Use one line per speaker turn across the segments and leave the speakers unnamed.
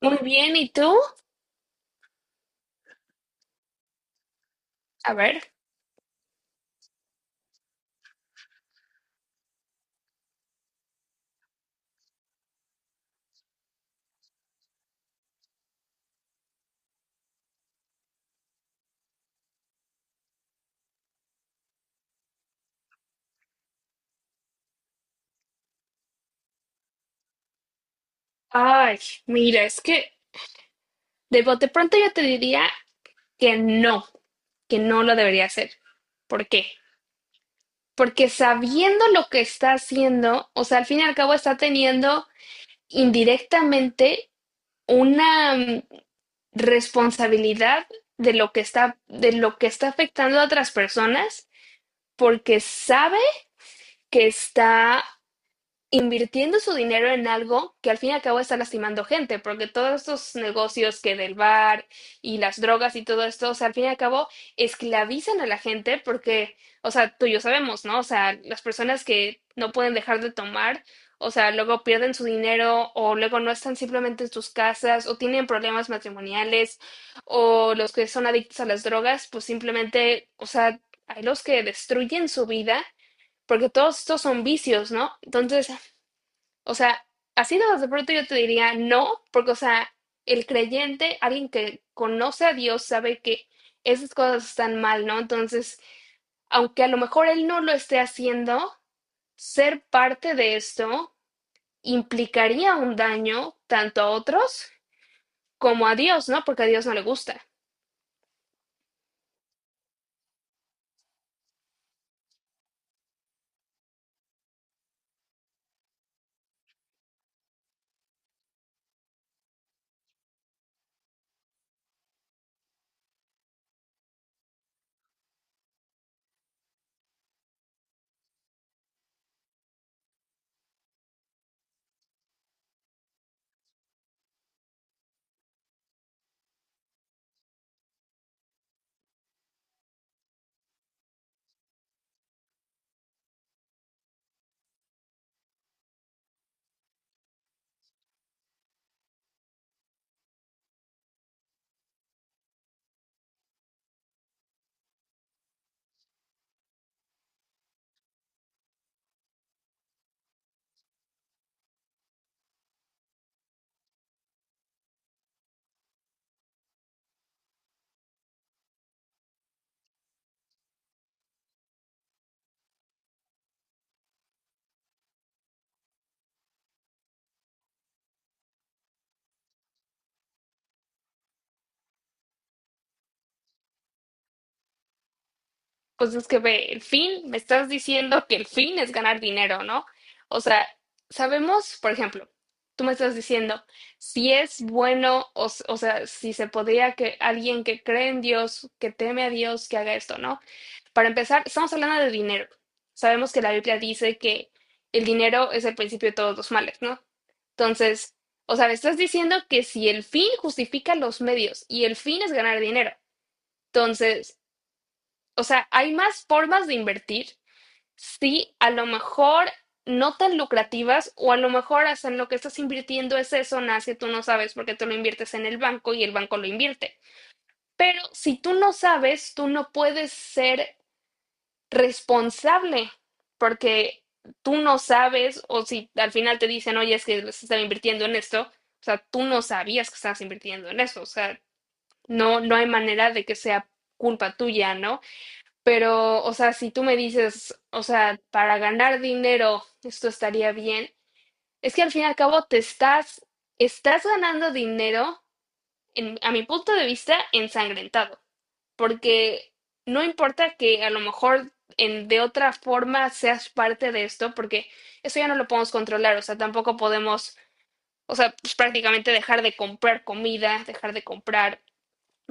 Muy bien, ¿y tú? A ver. Ay, mira, es que de bote pronto yo te diría que no, que no lo debería hacer. ¿Por qué? Porque sabiendo lo que está haciendo, o sea, al fin y al cabo está teniendo indirectamente una responsabilidad de lo que está afectando a otras personas, porque sabe que está invirtiendo su dinero en algo que al fin y al cabo está lastimando gente, porque todos estos negocios que del bar y las drogas y todo esto, o sea, al fin y al cabo esclavizan a la gente porque, o sea, tú y yo sabemos, ¿no? O sea, las personas que no pueden dejar de tomar, o sea, luego pierden su dinero o luego no están simplemente en sus casas o tienen problemas matrimoniales o los que son adictos a las drogas, pues simplemente, o sea, hay los que destruyen su vida porque todos estos son vicios, ¿no? Entonces, o sea, así de pronto yo te diría no, porque, o sea, el creyente, alguien que conoce a Dios, sabe que esas cosas están mal, ¿no? Entonces, aunque a lo mejor él no lo esté haciendo, ser parte de esto implicaría un daño tanto a otros como a Dios, ¿no? Porque a Dios no le gusta. Pues es que ve, el fin, me estás diciendo que el fin es ganar dinero, ¿no? O sea, sabemos, por ejemplo, tú me estás diciendo si es bueno, o sea, si se podría que alguien que cree en Dios, que teme a Dios, que haga esto, ¿no? Para empezar, estamos hablando de dinero. Sabemos que la Biblia dice que el dinero es el principio de todos los males, ¿no? Entonces, o sea, me estás diciendo que si el fin justifica los medios y el fin es ganar dinero, entonces, o sea, hay más formas de invertir. Sí, a lo mejor no tan lucrativas o a lo mejor hasta en lo que estás invirtiendo es eso, Nas, que tú no sabes porque tú lo inviertes en el banco y el banco lo invierte. Pero si tú no sabes, tú no puedes ser responsable porque tú no sabes o si al final te dicen, oye, es que se estaba invirtiendo en esto, o sea, tú no sabías que estabas invirtiendo en eso, o sea, no, no hay manera de que sea culpa tuya, ¿no? Pero, o sea, si tú me dices, o sea, para ganar dinero, esto estaría bien, es que al fin y al cabo estás ganando dinero, a mi punto de vista, ensangrentado, porque no importa que a lo mejor en, de otra forma seas parte de esto, porque eso ya no lo podemos controlar, o sea, tampoco podemos, o sea, pues, prácticamente dejar de comprar comida, dejar de comprar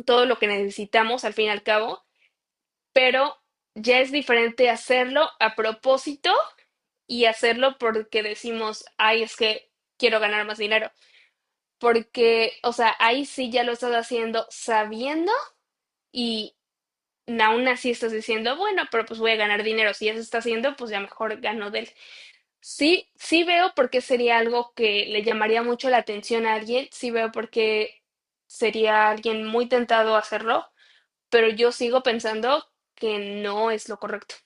todo lo que necesitamos al fin y al cabo, pero ya es diferente hacerlo a propósito y hacerlo porque decimos, ay, es que quiero ganar más dinero. Porque, o sea, ahí sí ya lo estás haciendo sabiendo y aún así estás diciendo, bueno, pero pues voy a ganar dinero. Si ya se está haciendo, pues ya mejor gano de él. Sí, sí veo por qué sería algo que le llamaría mucho la atención a alguien. Sí veo por qué sería alguien muy tentado a hacerlo, pero yo sigo pensando que no es lo correcto.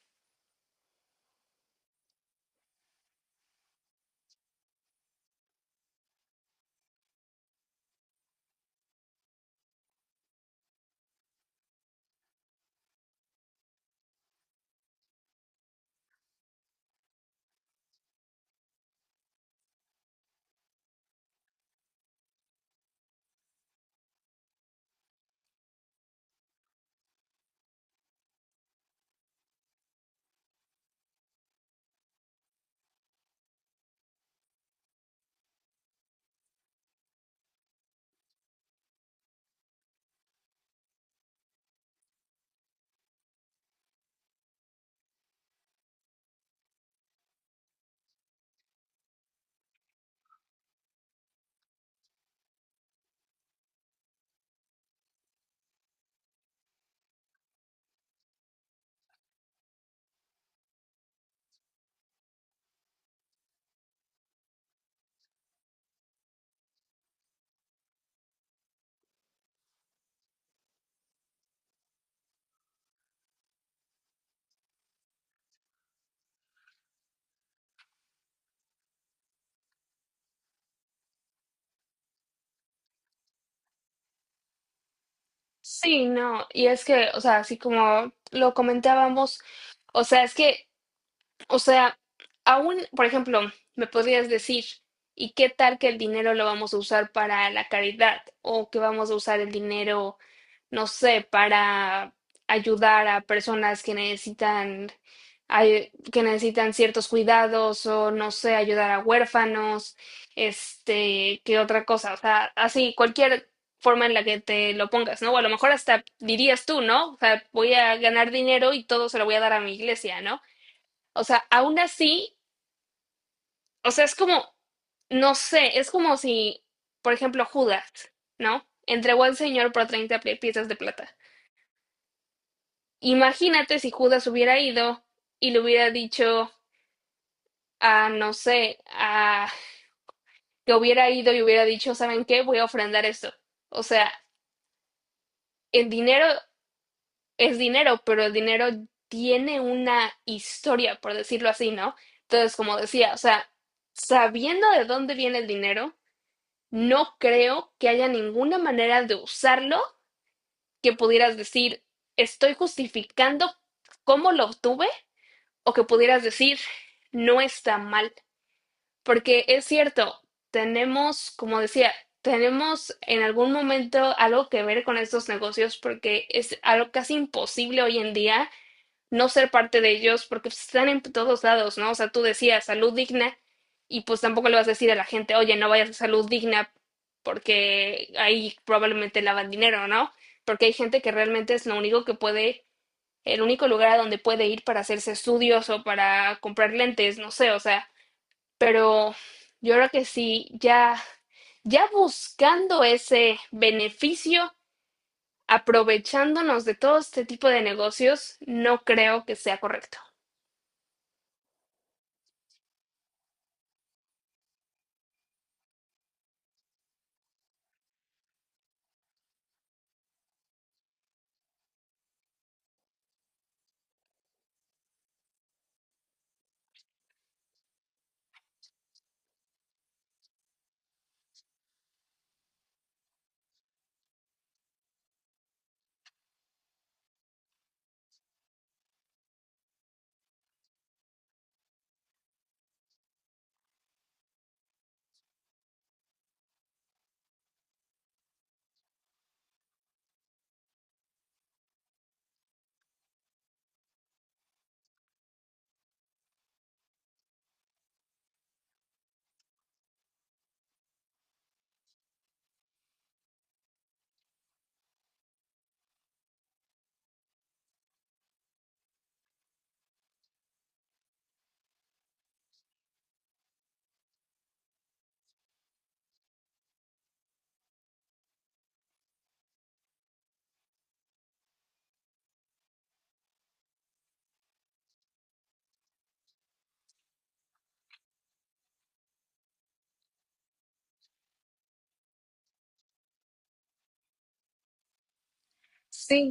Sí, no, y es que, o sea, así como lo comentábamos, o sea, es que, o sea, aún, por ejemplo, me podrías decir, ¿y qué tal que el dinero lo vamos a usar para la caridad? ¿O que vamos a usar el dinero, no sé, para ayudar a personas que necesitan, que necesitan ciertos cuidados o, no sé, ayudar a huérfanos, este, qué otra cosa? O sea, así, cualquier forma en la que te lo pongas, ¿no? O a lo mejor hasta dirías tú, ¿no? O sea, voy a ganar dinero y todo se lo voy a dar a mi iglesia, ¿no? O sea, aún así, o sea, es como, no sé, es como si, por ejemplo, Judas, ¿no? Entregó al Señor por 30 piezas de plata. Imagínate si Judas hubiera ido y le hubiera dicho a, no sé, a que hubiera ido y hubiera dicho, ¿saben qué? Voy a ofrendar esto. O sea, el dinero es dinero, pero el dinero tiene una historia, por decirlo así, ¿no? Entonces, como decía, o sea, sabiendo de dónde viene el dinero, no creo que haya ninguna manera de usarlo que pudieras decir, estoy justificando cómo lo obtuve o que pudieras decir, no está mal. Porque es cierto, tenemos, como decía, tenemos en algún momento algo que ver con estos negocios porque es algo casi imposible hoy en día no ser parte de ellos, porque pues, están en todos lados, ¿no? O sea, tú decías salud digna y pues tampoco le vas a decir a la gente, oye, no vayas a salud digna porque ahí probablemente lavan dinero, ¿no? Porque hay gente que realmente es lo único que puede, el único lugar a donde puede ir para hacerse estudios o para comprar lentes, no sé, o sea, pero yo creo que sí, ya, ya buscando ese beneficio, aprovechándonos de todo este tipo de negocios, no creo que sea correcto. Sí,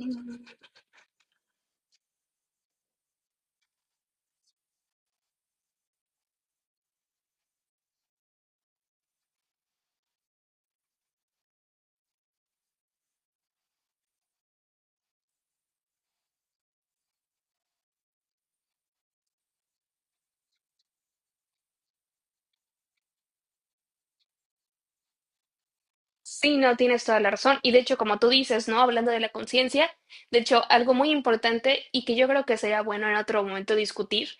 sí, no, tienes toda la razón. Y de hecho, como tú dices, ¿no? Hablando de la conciencia, de hecho, algo muy importante y que yo creo que sería bueno en otro momento discutir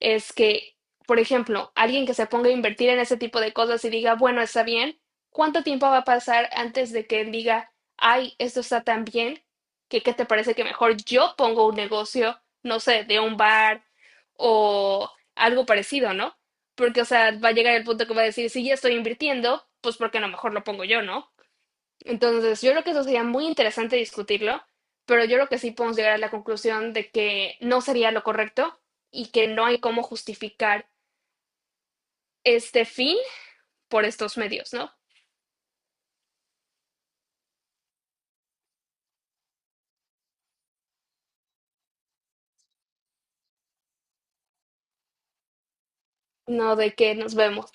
es que, por ejemplo, alguien que se ponga a invertir en ese tipo de cosas y diga, bueno, está bien, ¿cuánto tiempo va a pasar antes de que él diga, ay, esto está tan bien, que qué te parece que mejor yo pongo un negocio, no sé, de un bar o algo parecido, ¿no? Porque, o sea, va a llegar el punto que va a decir, si ya estoy invirtiendo, pues porque a lo mejor lo pongo yo, ¿no? Entonces, yo creo que eso sería muy interesante discutirlo, pero yo creo que sí podemos llegar a la conclusión de que no sería lo correcto y que no hay cómo justificar este fin por estos medios, ¿no? No, de que nos vemos.